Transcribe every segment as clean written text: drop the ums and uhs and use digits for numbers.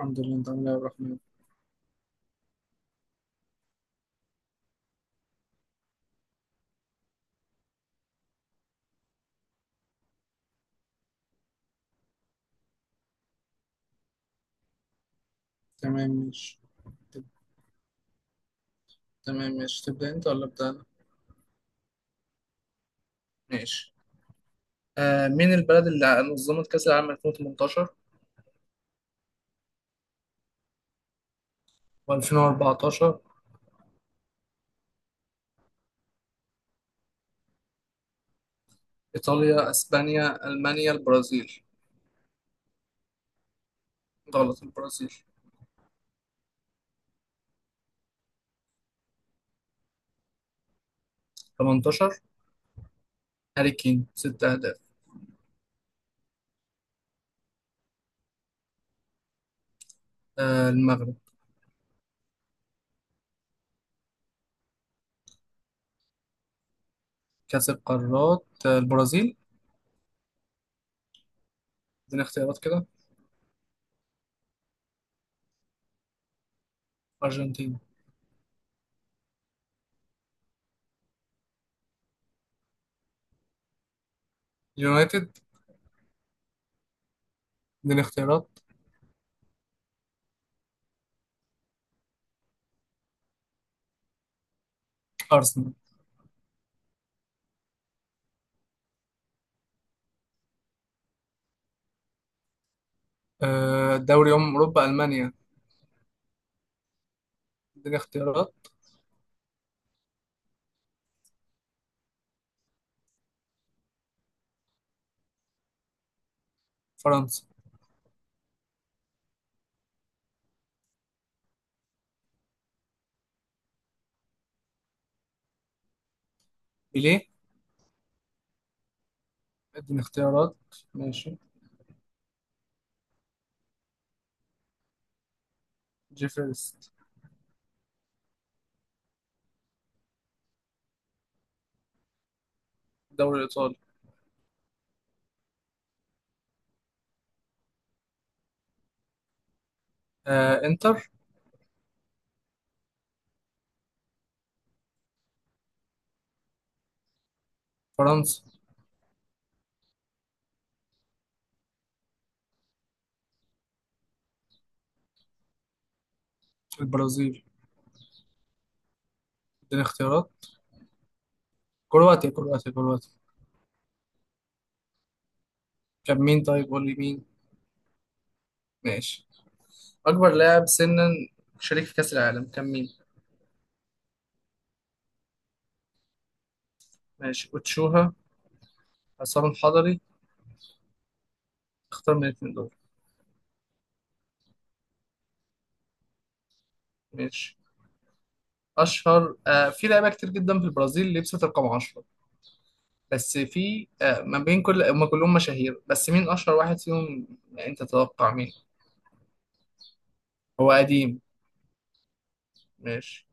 الحمد لله، انت عامل ايه يا عبد الرحمن؟ تمام، ماشي. تب- تمام، ماشي. تبدأ انت ولا ابدأ انا؟ ماشي. مين البلد اللي نظمت كأس العالم 2018 و2014؟ إيطاليا، أسبانيا، ألمانيا، البرازيل. غلط، البرازيل. 18. هاري كين، ست أهداف. المغرب. كأس القارات، البرازيل. اديني اختيارات كده. أرجنتين. يونايتد. اديني اختيارات. أرسنال. دوري أمم أوروبا، ألمانيا. اديني اختيارات. فرنسا. بيليه. اديني اختيارات. ماشي. جيفرست. الدوري الإيطالي. إنتر. فرنسا. البرازيل. اديني اختيارات. كرواتيا، كرواتيا، كرواتيا. كان مين؟ طيب قول لي مين. ماشي. أكبر لاعب سنا شريك في كأس العالم كان مين؟ ماشي، أوتشوها، عصام الحضري، اختار من الاثنين دول. ماشي. أشهر في لعيبة كتير جدا في البرازيل لبست رقم 10، بس في ما بين كل هم كلهم مشاهير، بس مين أشهر واحد فيهم؟ يعني أنت تتوقع مين؟ هو قديم. ماشي.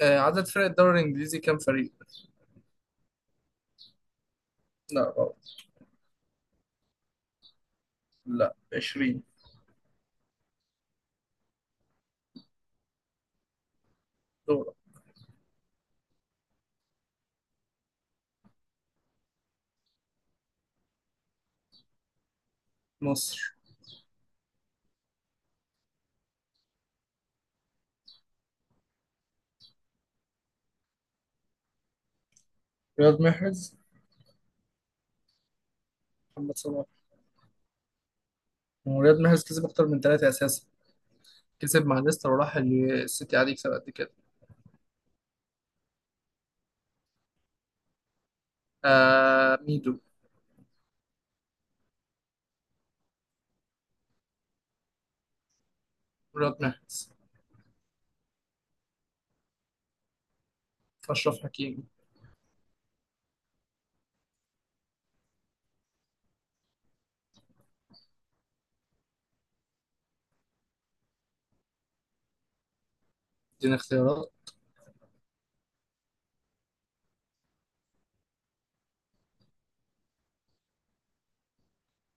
عدد فرق الدوري الإنجليزي كام فريق؟ لا، غلط. لا، 20. دورة. مصر. رياض محرز. محمد صلاح. هو رياض محرز كسب أكتر من ثلاثة أساسا. كسب مع ليستر وراح السيتي، عليه كسب قد كده. ميدو. رياض محرز. أشرف حكيمي. ادينا اختيارات.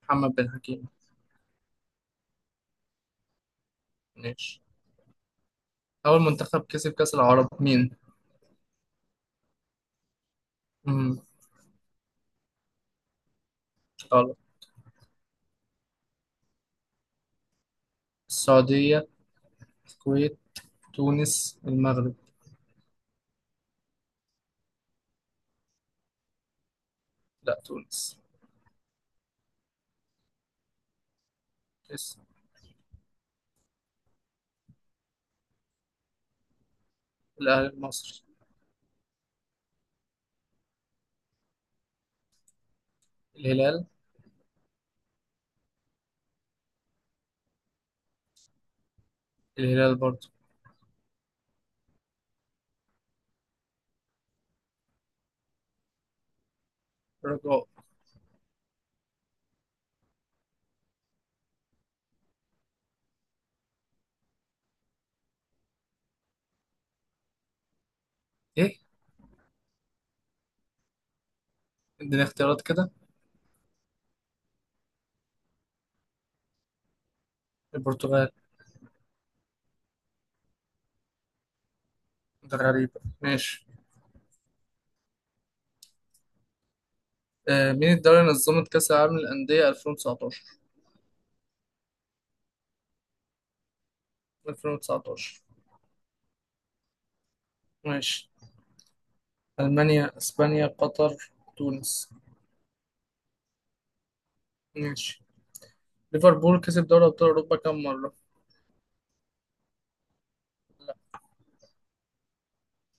محمد بن حكيم. ماشي. أول منتخب كسب كأس العرب مين؟ مم. غلط. السعودية، الكويت، تونس، المغرب. لا، تونس. اسم. الأهلي المصري. الهلال. الهلال برضه. رجاء. ايه. اديني اختيارات كده. البرتغال. ده غريبة، ماشي. مين الدولة اللي نظمت كأس العالم للأندية 2019؟ 2019. ماشي. ألمانيا، إسبانيا، قطر، تونس. ماشي. ليفربول كسب دوري أبطال أوروبا كم مرة؟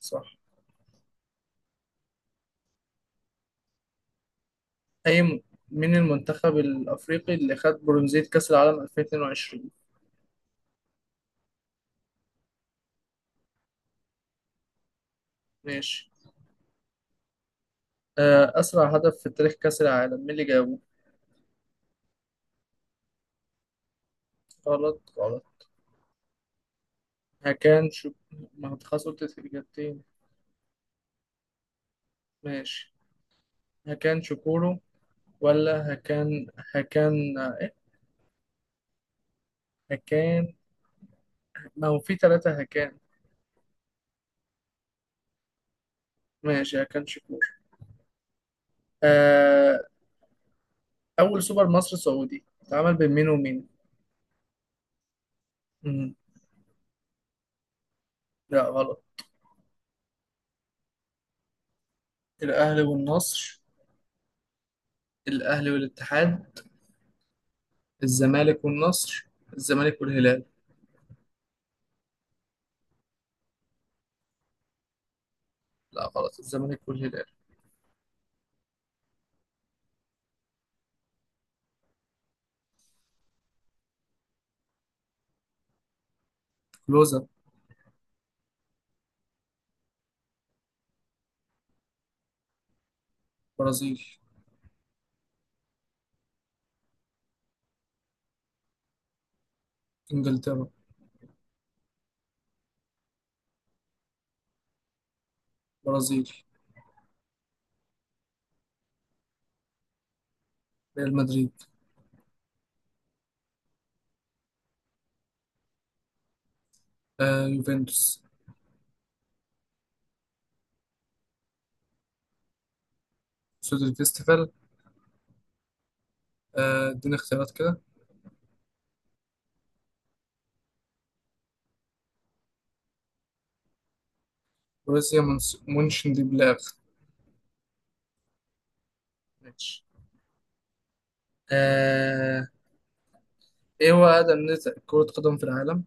صح. أي م... مين المنتخب الأفريقي اللي خد برونزية كأس العالم 2022؟ ماشي. أسرع هدف في تاريخ كأس العالم مين اللي جابه؟ غلط، غلط. هكان شو؟ ما أنت خلاص قلت الإجابتين. ماشي. هكان شكورو ولا هكان؟ هكان إيه؟ هكان. ما هو في ثلاثة هكان. ماشي، هكان شكور. آه أول سوبر مصري سعودي اتعمل بين مين ومين؟ مم. لا، غلط. الأهلي والنصر. الأهلي والاتحاد. الزمالك والنصر. الزمالك والهلال. لا، غلط، الزمالك والهلال. كلوزا. برازيل. إنجلترا. برازيل. ريال مدريد. يوفنتوس. سودر فيستيفال. اديني اختيارات كده. بروسيا مونشن دي بلاغ. ماشي. آه، ايه هو اقدم نادي كرة قدم في العالم؟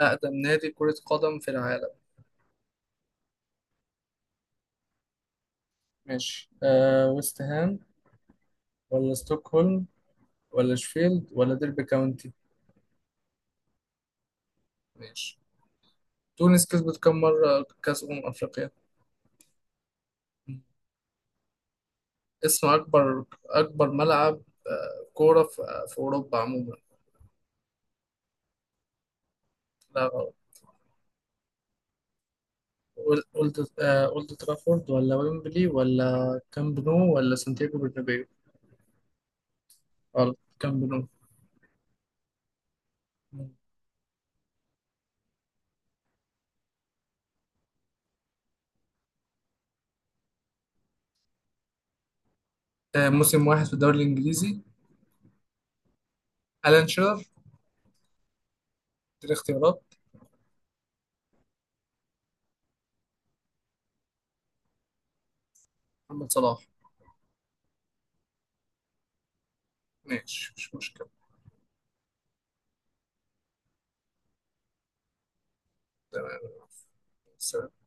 اقدم نادي كرة قدم في العالم. ماشي. ويست هام، ولا ستوكهولم، ولا شفيلد، ولا ديربي كاونتي؟ ماشي. تونس كسبت كم مرة كأس أمم أفريقيا؟ اسم أكبر ملعب كورة في أوروبا عموما. لا، غلط. أولد ترافورد، ولا ويمبلي، ولا كامب نو، ولا سانتياغو برنابيو؟ غلط، كامب نو. موسم واحد في الدوري الإنجليزي. ألان شيرر. الاختيارات. محمد صلاح. ماشي، مش مشكلة. سلام.